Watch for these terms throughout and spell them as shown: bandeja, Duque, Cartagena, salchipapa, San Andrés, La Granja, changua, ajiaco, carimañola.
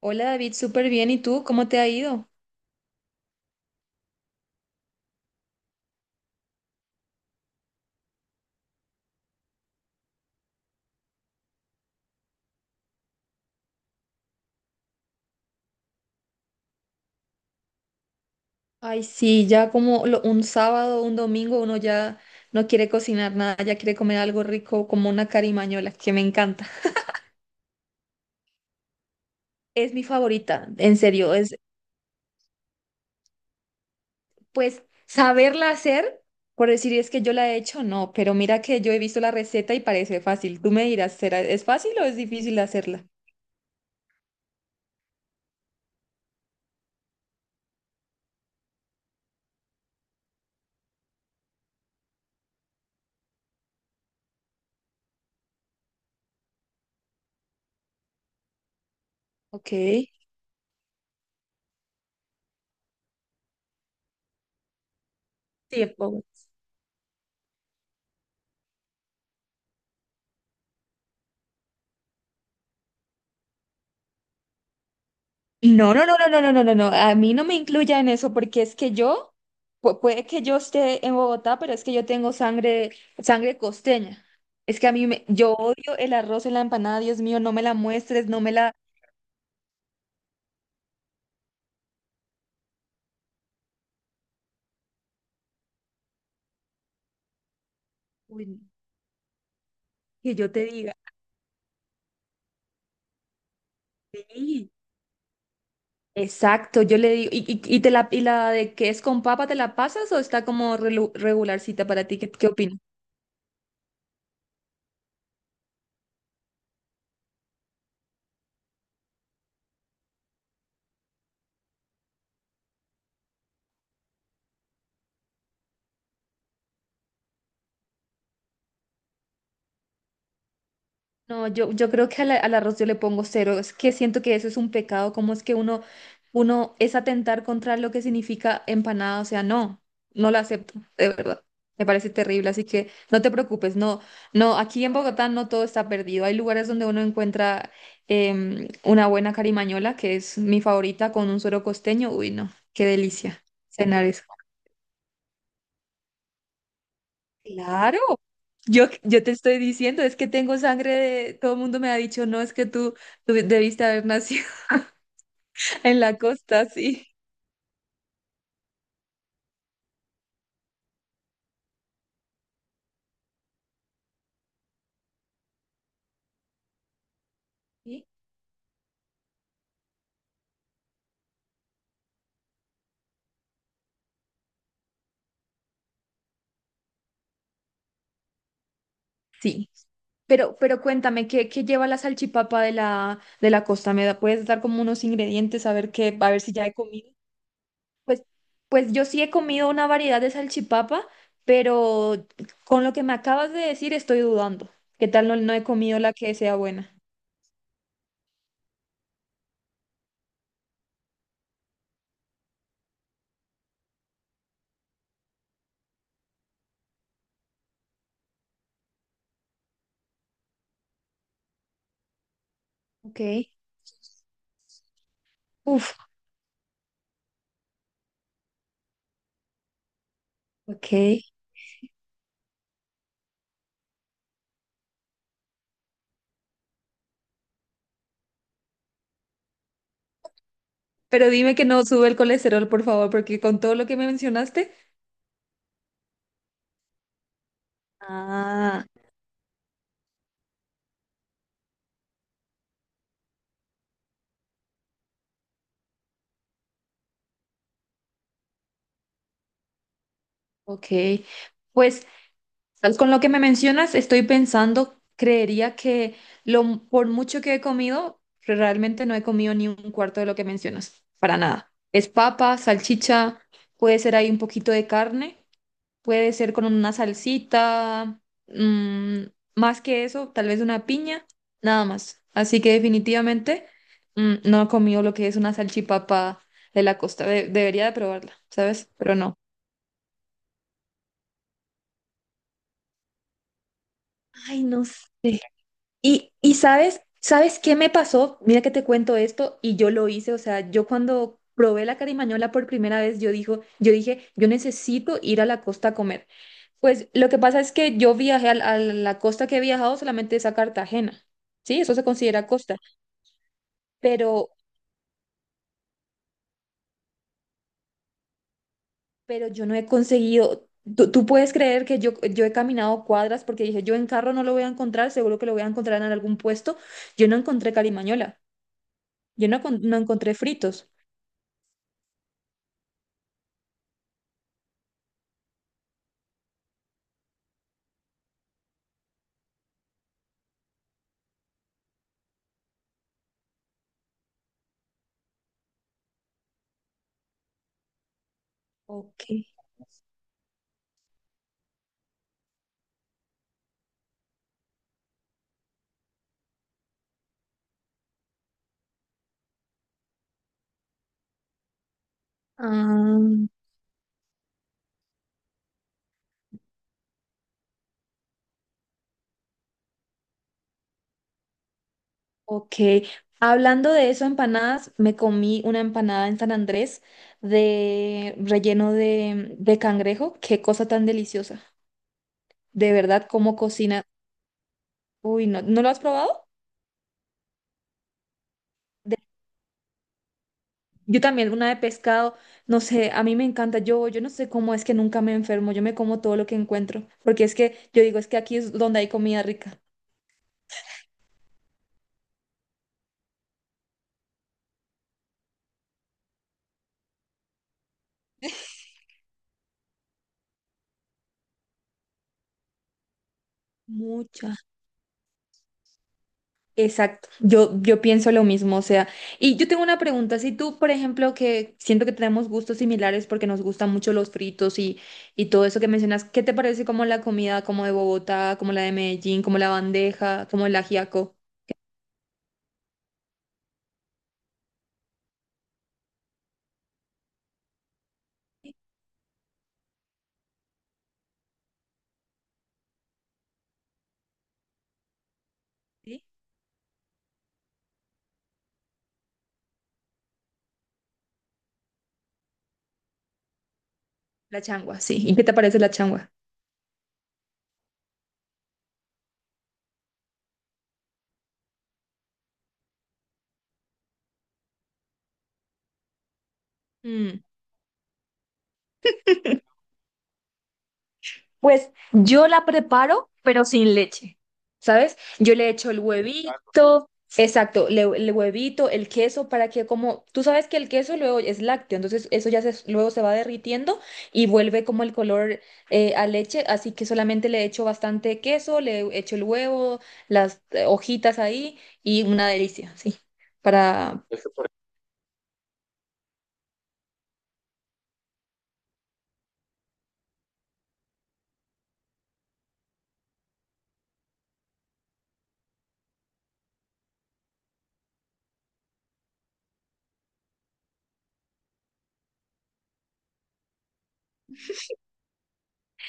Hola David, súper bien. ¿Y tú? ¿Cómo te ha ido? Ay, sí, ya un sábado, un domingo, uno ya no quiere cocinar nada, ya quiere comer algo rico como una carimañola, que me encanta. Es mi favorita, en serio. Es, pues, saberla hacer, por decir es que yo la he hecho, no, pero mira que yo he visto la receta y parece fácil. Tú me dirás, ¿ es fácil o es difícil hacerla? Ok. Tiempo. No, no, no, no, no, no, no, no, no, a mí no me incluya en eso porque es que yo, puede que yo esté en Bogotá, pero es que yo tengo sangre, sangre costeña. Es que a mí me, yo odio el arroz en la empanada, Dios mío, no me la muestres, no me la, uy, que yo te diga. Sí. Exacto, yo le digo, y te la, y la de que es con papa, ¿te la pasas o está como regularcita para ti? ¿Qué, qué opinas? No, yo creo que al arroz yo le pongo cero. Es que siento que eso es un pecado. ¿Cómo es que uno, uno es atentar contra lo que significa empanada? O sea, no, no la acepto, de verdad. Me parece terrible, así que no te preocupes. No, no, aquí en Bogotá no todo está perdido. Hay lugares donde uno encuentra una buena carimañola, que es mi favorita, con un suero costeño. Uy, no, qué delicia cenar eso. Claro. Yo te estoy diciendo, es que tengo sangre de... Todo el mundo me ha dicho, no, es que tú debiste haber nacido en la costa, sí. ¿Sí? Sí. Pero cuéntame, ¿qué, qué lleva la salchipapa de la costa? ¿ puedes dar como unos ingredientes a ver qué, a ver si ya he comido? Pues, pues yo sí he comido una variedad de salchipapa, pero con lo que me acabas de decir estoy dudando. ¿Qué tal no, no he comido la que sea buena? Ok. Uf, ok. Pero dime que no sube el colesterol, por favor, porque con todo lo que me mencionaste, ah, ok. Pues tal con lo que me mencionas, estoy pensando, creería que lo, por mucho que he comido, realmente no he comido ni un cuarto de lo que mencionas, para nada. Es papa, salchicha, puede ser ahí un poquito de carne. Puede ser con una salsita, mm, más que eso, tal vez una piña, nada más. Así que definitivamente no he comido lo que es una salchipapa de la costa. Debería de probarla, ¿sabes? Pero no. Ay, no sé. Y sabes, ¿sabes qué me pasó? Mira que te cuento esto y yo lo hice, o sea, yo cuando probé la carimañola por primera vez, yo dije, yo necesito ir a la costa a comer. Pues lo que pasa es que yo a, la costa que he viajado solamente es a Cartagena, ¿sí? Eso se considera costa, pero, pero yo no he conseguido, tú puedes creer que yo he caminado cuadras porque dije, yo en carro no lo voy a encontrar, seguro que lo voy a encontrar en algún puesto, yo no encontré carimañola, yo no, no encontré fritos. Ok. Ah, ok. Hablando de eso, empanadas, me comí una empanada en San Andrés de relleno de cangrejo. Qué cosa tan deliciosa. De verdad, cómo cocina. Uy, no, ¿no lo has probado? De- yo también, una de pescado, no sé, a mí me encanta. Yo no sé cómo es que nunca me enfermo. Yo me como todo lo que encuentro, porque es que yo digo, es que aquí es donde hay comida rica. Mucha. Exacto, yo pienso lo mismo, o sea, y yo tengo una pregunta, si tú, por ejemplo, que siento que tenemos gustos similares porque nos gustan mucho los fritos y todo eso que mencionas, ¿qué te parece como la comida como de Bogotá, como la de Medellín, como la bandeja, como el ajiaco? Sí. La changua, sí. ¿Y qué te parece la changua? Pues yo la preparo, pero sin leche, ¿sabes? Yo le echo el exacto. Huevito, exacto, el huevito, el queso, para que como, tú sabes que el queso luego es lácteo, entonces eso ya se, luego se va derritiendo y vuelve como el color a leche, así que solamente le echo bastante queso, le echo el huevo, las hojitas ahí y una delicia, sí, para,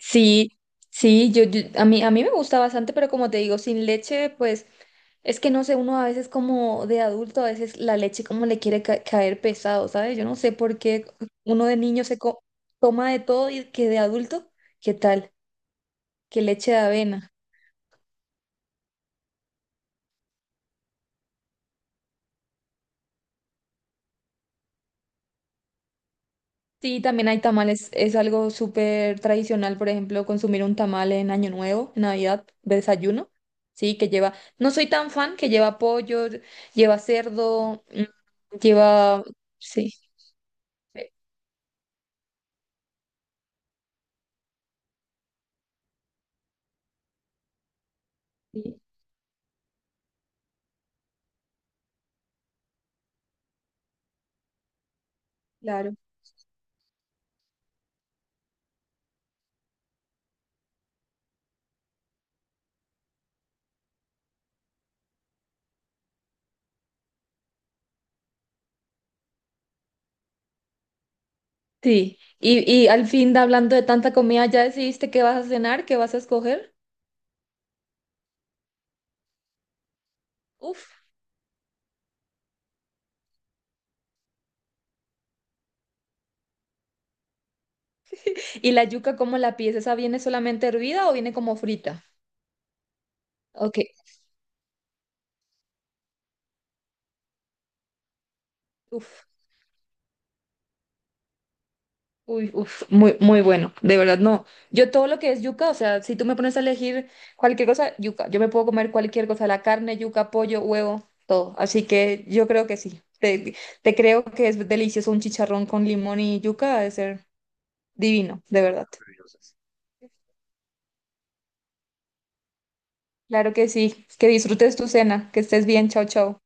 sí, sí, a mí me gusta bastante, pero como te digo, sin leche, pues es que no sé, uno a veces como de adulto, a veces la leche como le quiere caer pesado, ¿sabes? Yo no sé por qué uno de niño toma de todo y que de adulto, ¿qué tal? Que leche de avena. Sí, también hay tamales, es algo súper tradicional, por ejemplo, consumir un tamal en Año Nuevo, en Navidad, de desayuno, sí, que lleva, no soy tan fan, que lleva pollo, lleva cerdo, lleva... Sí. Sí, claro. Sí. Y al fin, hablando de tanta comida, ¿ya decidiste qué vas a cenar? ¿Qué vas a escoger? Uf. ¿Y la yuca cómo la pides? ¿Esa viene solamente hervida o viene como frita? Ok. Uf. Uy, uf. Muy, muy bueno. De verdad, no. Yo todo lo que es yuca, o sea, si tú me pones a elegir cualquier cosa, yuca. Yo me puedo comer cualquier cosa, la carne, yuca, pollo, huevo, todo. Así que yo creo que sí. Te creo que es delicioso un chicharrón con limón y yuca, ha de ser divino, de verdad. Claro que sí. Que disfrutes tu cena. Que estés bien. Chao, chao.